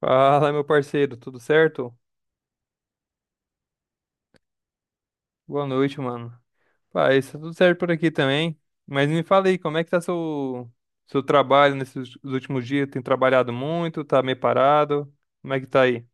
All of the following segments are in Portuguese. Fala, meu parceiro, tudo certo? Boa noite, mano. Pá, isso tá tudo certo por aqui também. Mas me fala aí, como é que tá seu trabalho nesses últimos dias? Tem trabalhado muito? Tá meio parado? Como é que tá aí?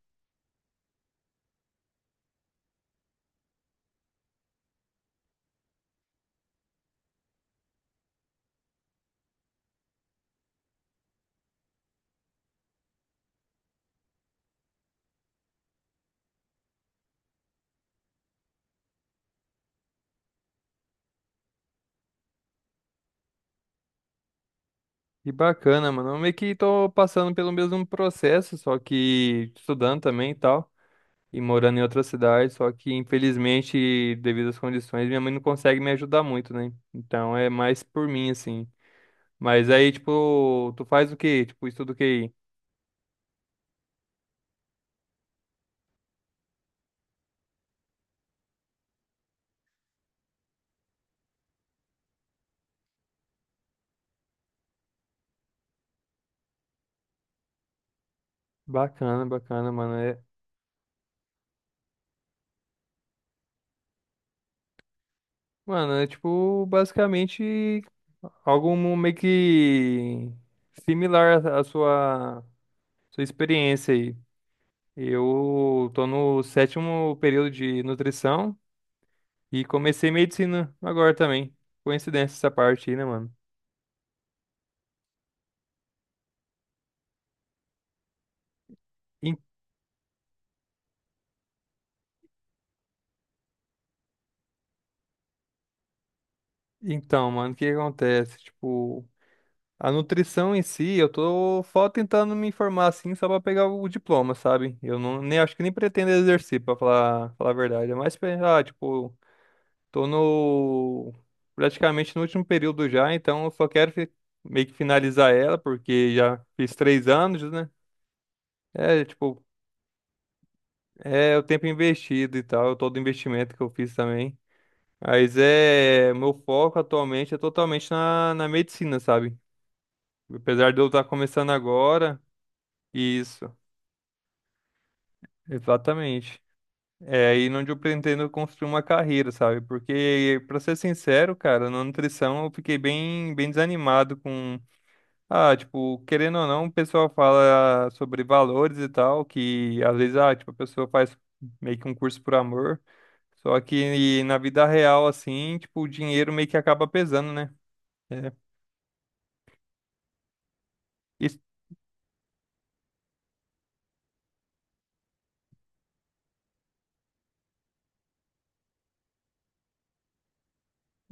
Que bacana, mano. Eu meio que tô passando pelo mesmo processo, só que estudando também e tal, e morando em outra cidade, só que infelizmente, devido às condições, minha mãe não consegue me ajudar muito, né? Então é mais por mim, assim. Mas aí, tipo, tu faz o quê? Tipo, estuda o quê? Bacana, bacana, mano. É, mano, é tipo, basicamente, algo meio que similar à sua experiência aí. Eu tô no sétimo período de nutrição e comecei medicina agora também. Coincidência essa parte aí, né, mano? En- Então, mano, o que que acontece? Tipo, a nutrição em si, eu tô só tentando me informar assim, só pra pegar o diploma, sabe? Eu não, nem acho que nem pretendo exercer, pra falar a verdade. É mais pra, ah, tipo, tô praticamente no último período já, então eu só quero meio que finalizar ela, porque já fiz 3 anos, né? É, tipo, é o tempo investido e tal, todo o investimento que eu fiz também. Mas é, meu foco atualmente é totalmente na medicina, sabe? Apesar de eu estar começando agora, isso. Exatamente. É aí onde eu pretendo construir uma carreira, sabe? Porque, pra ser sincero, cara, na nutrição eu fiquei bem, bem desanimado com. Ah, tipo, querendo ou não, o pessoal fala sobre valores e tal, que às vezes, ah, tipo, a pessoa faz meio que um curso por amor. Só que na vida real, assim, tipo, o dinheiro meio que acaba pesando, né? É. Isso-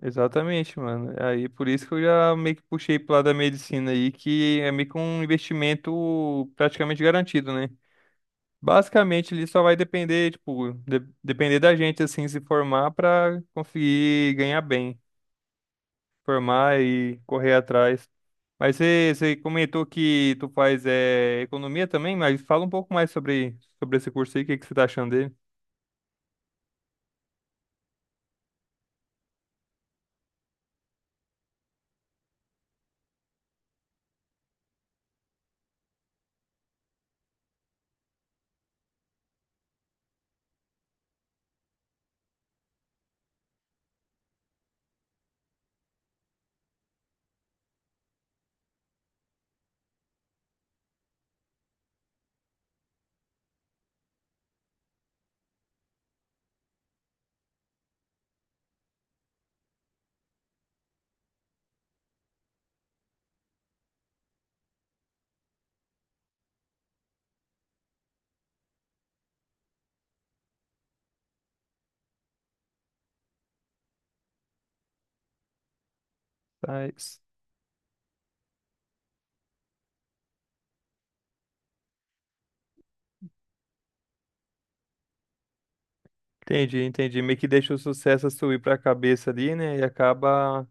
Exatamente, mano. Aí por isso que eu já meio que puxei pro lado da medicina aí, que é meio que um investimento praticamente garantido, né? Basicamente, ele só vai depender, tipo, depender da gente, assim, se formar para conseguir ganhar bem, formar e correr atrás. Mas você comentou que tu faz é economia também, mas fala um pouco mais sobre esse curso aí, o que, que você tá achando dele? Tá, isso. Entendi, entendi. Meio que deixa o sucesso subir para a cabeça ali, né? E acaba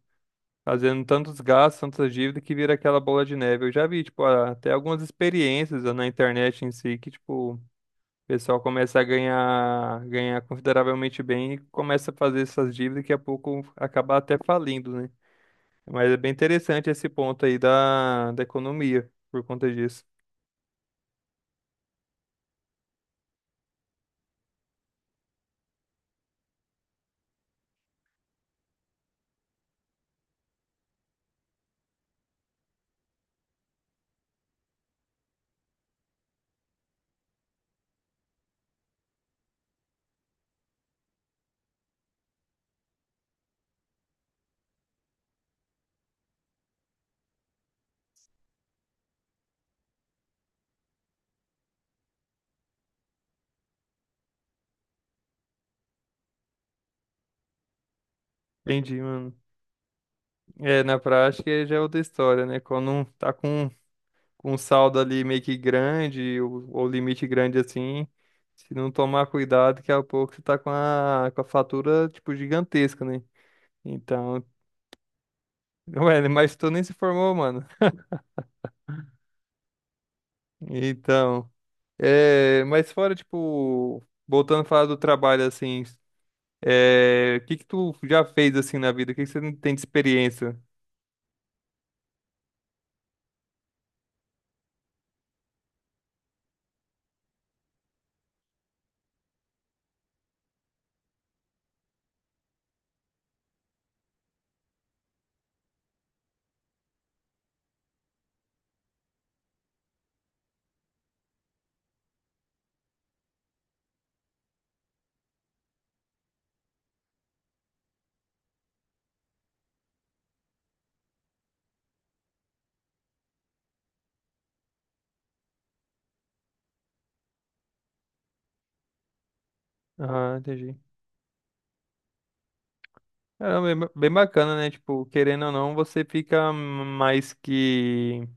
fazendo tantos gastos, tantas dívidas, que vira aquela bola de neve. Eu já vi, tipo, até algumas experiências na internet em si, que, tipo, o pessoal começa a ganhar consideravelmente bem e começa a fazer essas dívidas e daqui a pouco acaba até falindo, né? Mas é bem interessante esse ponto aí da economia por conta disso. Entendi, mano. É, na prática já é outra história, né? Quando um tá com um saldo ali meio que grande ou limite grande assim, se não tomar cuidado, daqui a pouco você tá com a fatura, tipo, gigantesca, né? Então, ué, mas tu nem se formou, mano. Então. É, mas fora, tipo, voltando a falar do trabalho, assim, é, o que que tu já fez, assim, na vida? O que que você não tem de experiência? Ah, entendi. Caramba, bem bacana, né? Tipo, querendo ou não, você fica mais que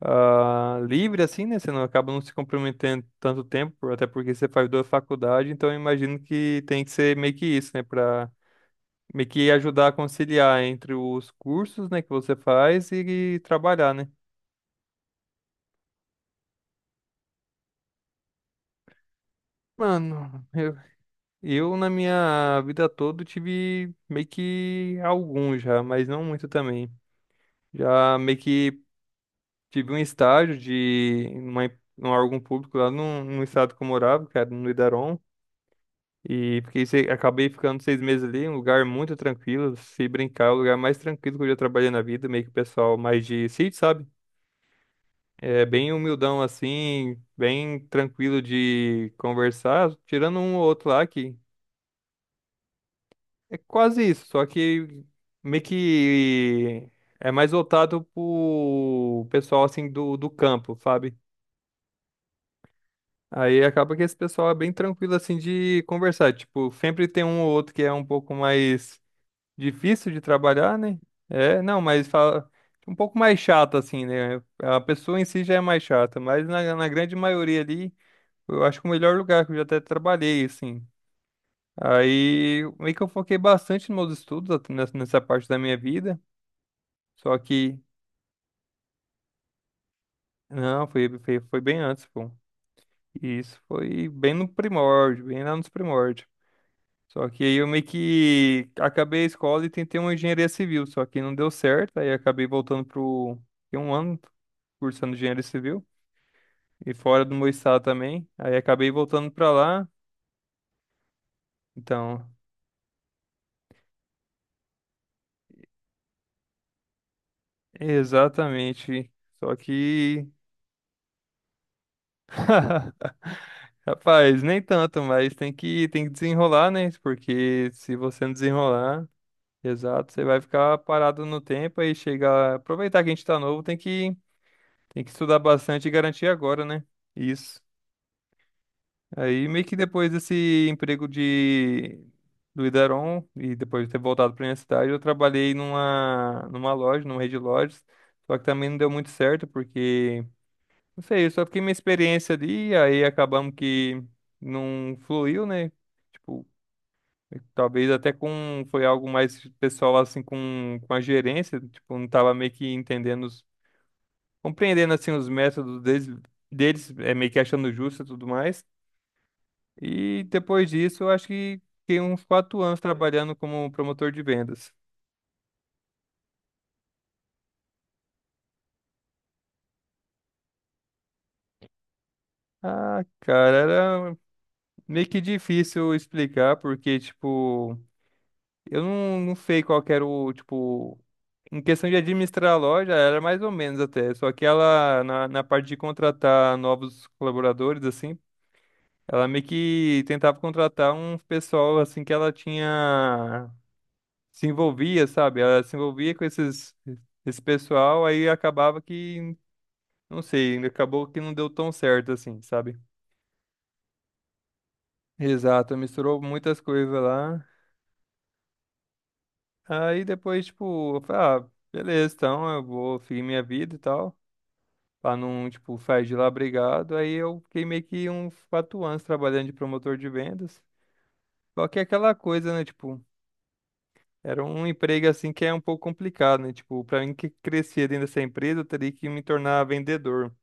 livre, assim, né? Você não acaba não se comprometendo tanto tempo, até porque você faz duas faculdades, então eu imagino que tem que ser meio que isso, né? Pra meio que ajudar a conciliar entre os cursos, né, que você faz e trabalhar, né? Mano, eu, na minha vida toda, tive meio que alguns já, mas não muito também. Já meio que tive um estágio em um órgão público lá no estado que eu morava, que era no Idaron. E fiquei, se- acabei ficando 6 meses ali, um lugar muito tranquilo. Se brincar, é o lugar mais tranquilo que eu já trabalhei na vida, meio que o pessoal mais de sítio, sabe? É bem humildão assim, bem tranquilo de conversar, tirando um ou outro lá que. É quase isso, só que meio que é mais voltado pro pessoal assim do campo, sabe? Aí acaba que esse pessoal é bem tranquilo assim de conversar. Tipo, sempre tem um ou outro que é um pouco mais difícil de trabalhar, né? É, não, mas fala um pouco mais chato assim, né? A pessoa em si já é mais chata, mas na grande maioria ali, eu acho que o melhor lugar que eu já até trabalhei, assim. Aí meio que eu foquei bastante nos meus estudos nessa parte da minha vida. Só que, não, foi bem antes, pô. E isso foi bem no primórdio, bem lá nos primórdios. Só que aí eu meio que acabei a escola e tentei uma engenharia civil, só que não deu certo, aí acabei voltando pro. Fiquei um ano cursando engenharia civil, e fora do meu estado também, aí acabei voltando pra lá. Então, exatamente. Só que. Rapaz, nem tanto, mas tem que desenrolar, né? Porque se você não desenrolar. Exato, você vai ficar parado no tempo aí chegar. Aproveitar que a gente tá novo, tem que estudar bastante e garantir agora, né? Isso. Aí meio que depois desse emprego de do Idaron e depois de ter voltado para minha cidade, eu trabalhei numa loja, numa rede de lojas, só que também não deu muito certo porque não sei, eu só fiquei minha experiência ali, aí acabamos que não fluiu, né? Tipo, talvez até com foi algo mais pessoal assim com a gerência, tipo, não tava meio que entendendo, compreendendo assim os métodos deles, é meio que achando justo e tudo mais. E depois disso, eu acho que fiquei uns 4 anos trabalhando como promotor de vendas. Ah, cara, era meio que difícil explicar porque tipo eu não sei qual que era o, tipo, em questão de administrar a loja, era mais ou menos até. Só que ela, na parte de contratar novos colaboradores, assim, ela meio que tentava contratar um pessoal, assim, que ela tinha, se envolvia, sabe? Ela se envolvia com esse pessoal, aí acabava que, não sei, acabou que não deu tão certo, assim, sabe? Exato, misturou muitas coisas lá. Aí depois, tipo, eu falei, ah, beleza, então eu vou seguir minha vida e tal. Pra não, tipo, sair de lá brigado. Aí eu fiquei meio que uns 4 anos trabalhando de promotor de vendas. Só que é aquela coisa, né, tipo, era um emprego assim que é um pouco complicado, né? Tipo, pra mim que crescer dentro dessa empresa, eu teria que me tornar vendedor.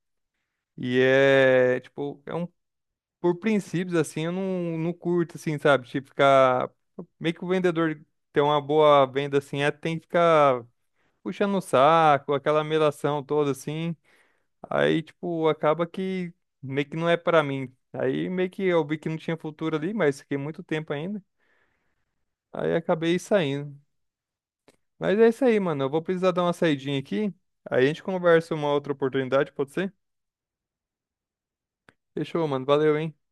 E é, tipo, é um por princípios assim, eu não curto assim, sabe? Tipo, ficar meio que o vendedor ter uma boa venda assim, é tem que ficar puxando o saco, aquela melação toda assim. Aí, tipo, acaba que meio que não é pra mim. Aí meio que eu vi que não tinha futuro ali, mas fiquei muito tempo ainda. Aí acabei saindo. Mas é isso aí, mano. Eu vou precisar dar uma saidinha aqui. Aí a gente conversa uma outra oportunidade, pode ser? Fechou, mano. Valeu, hein?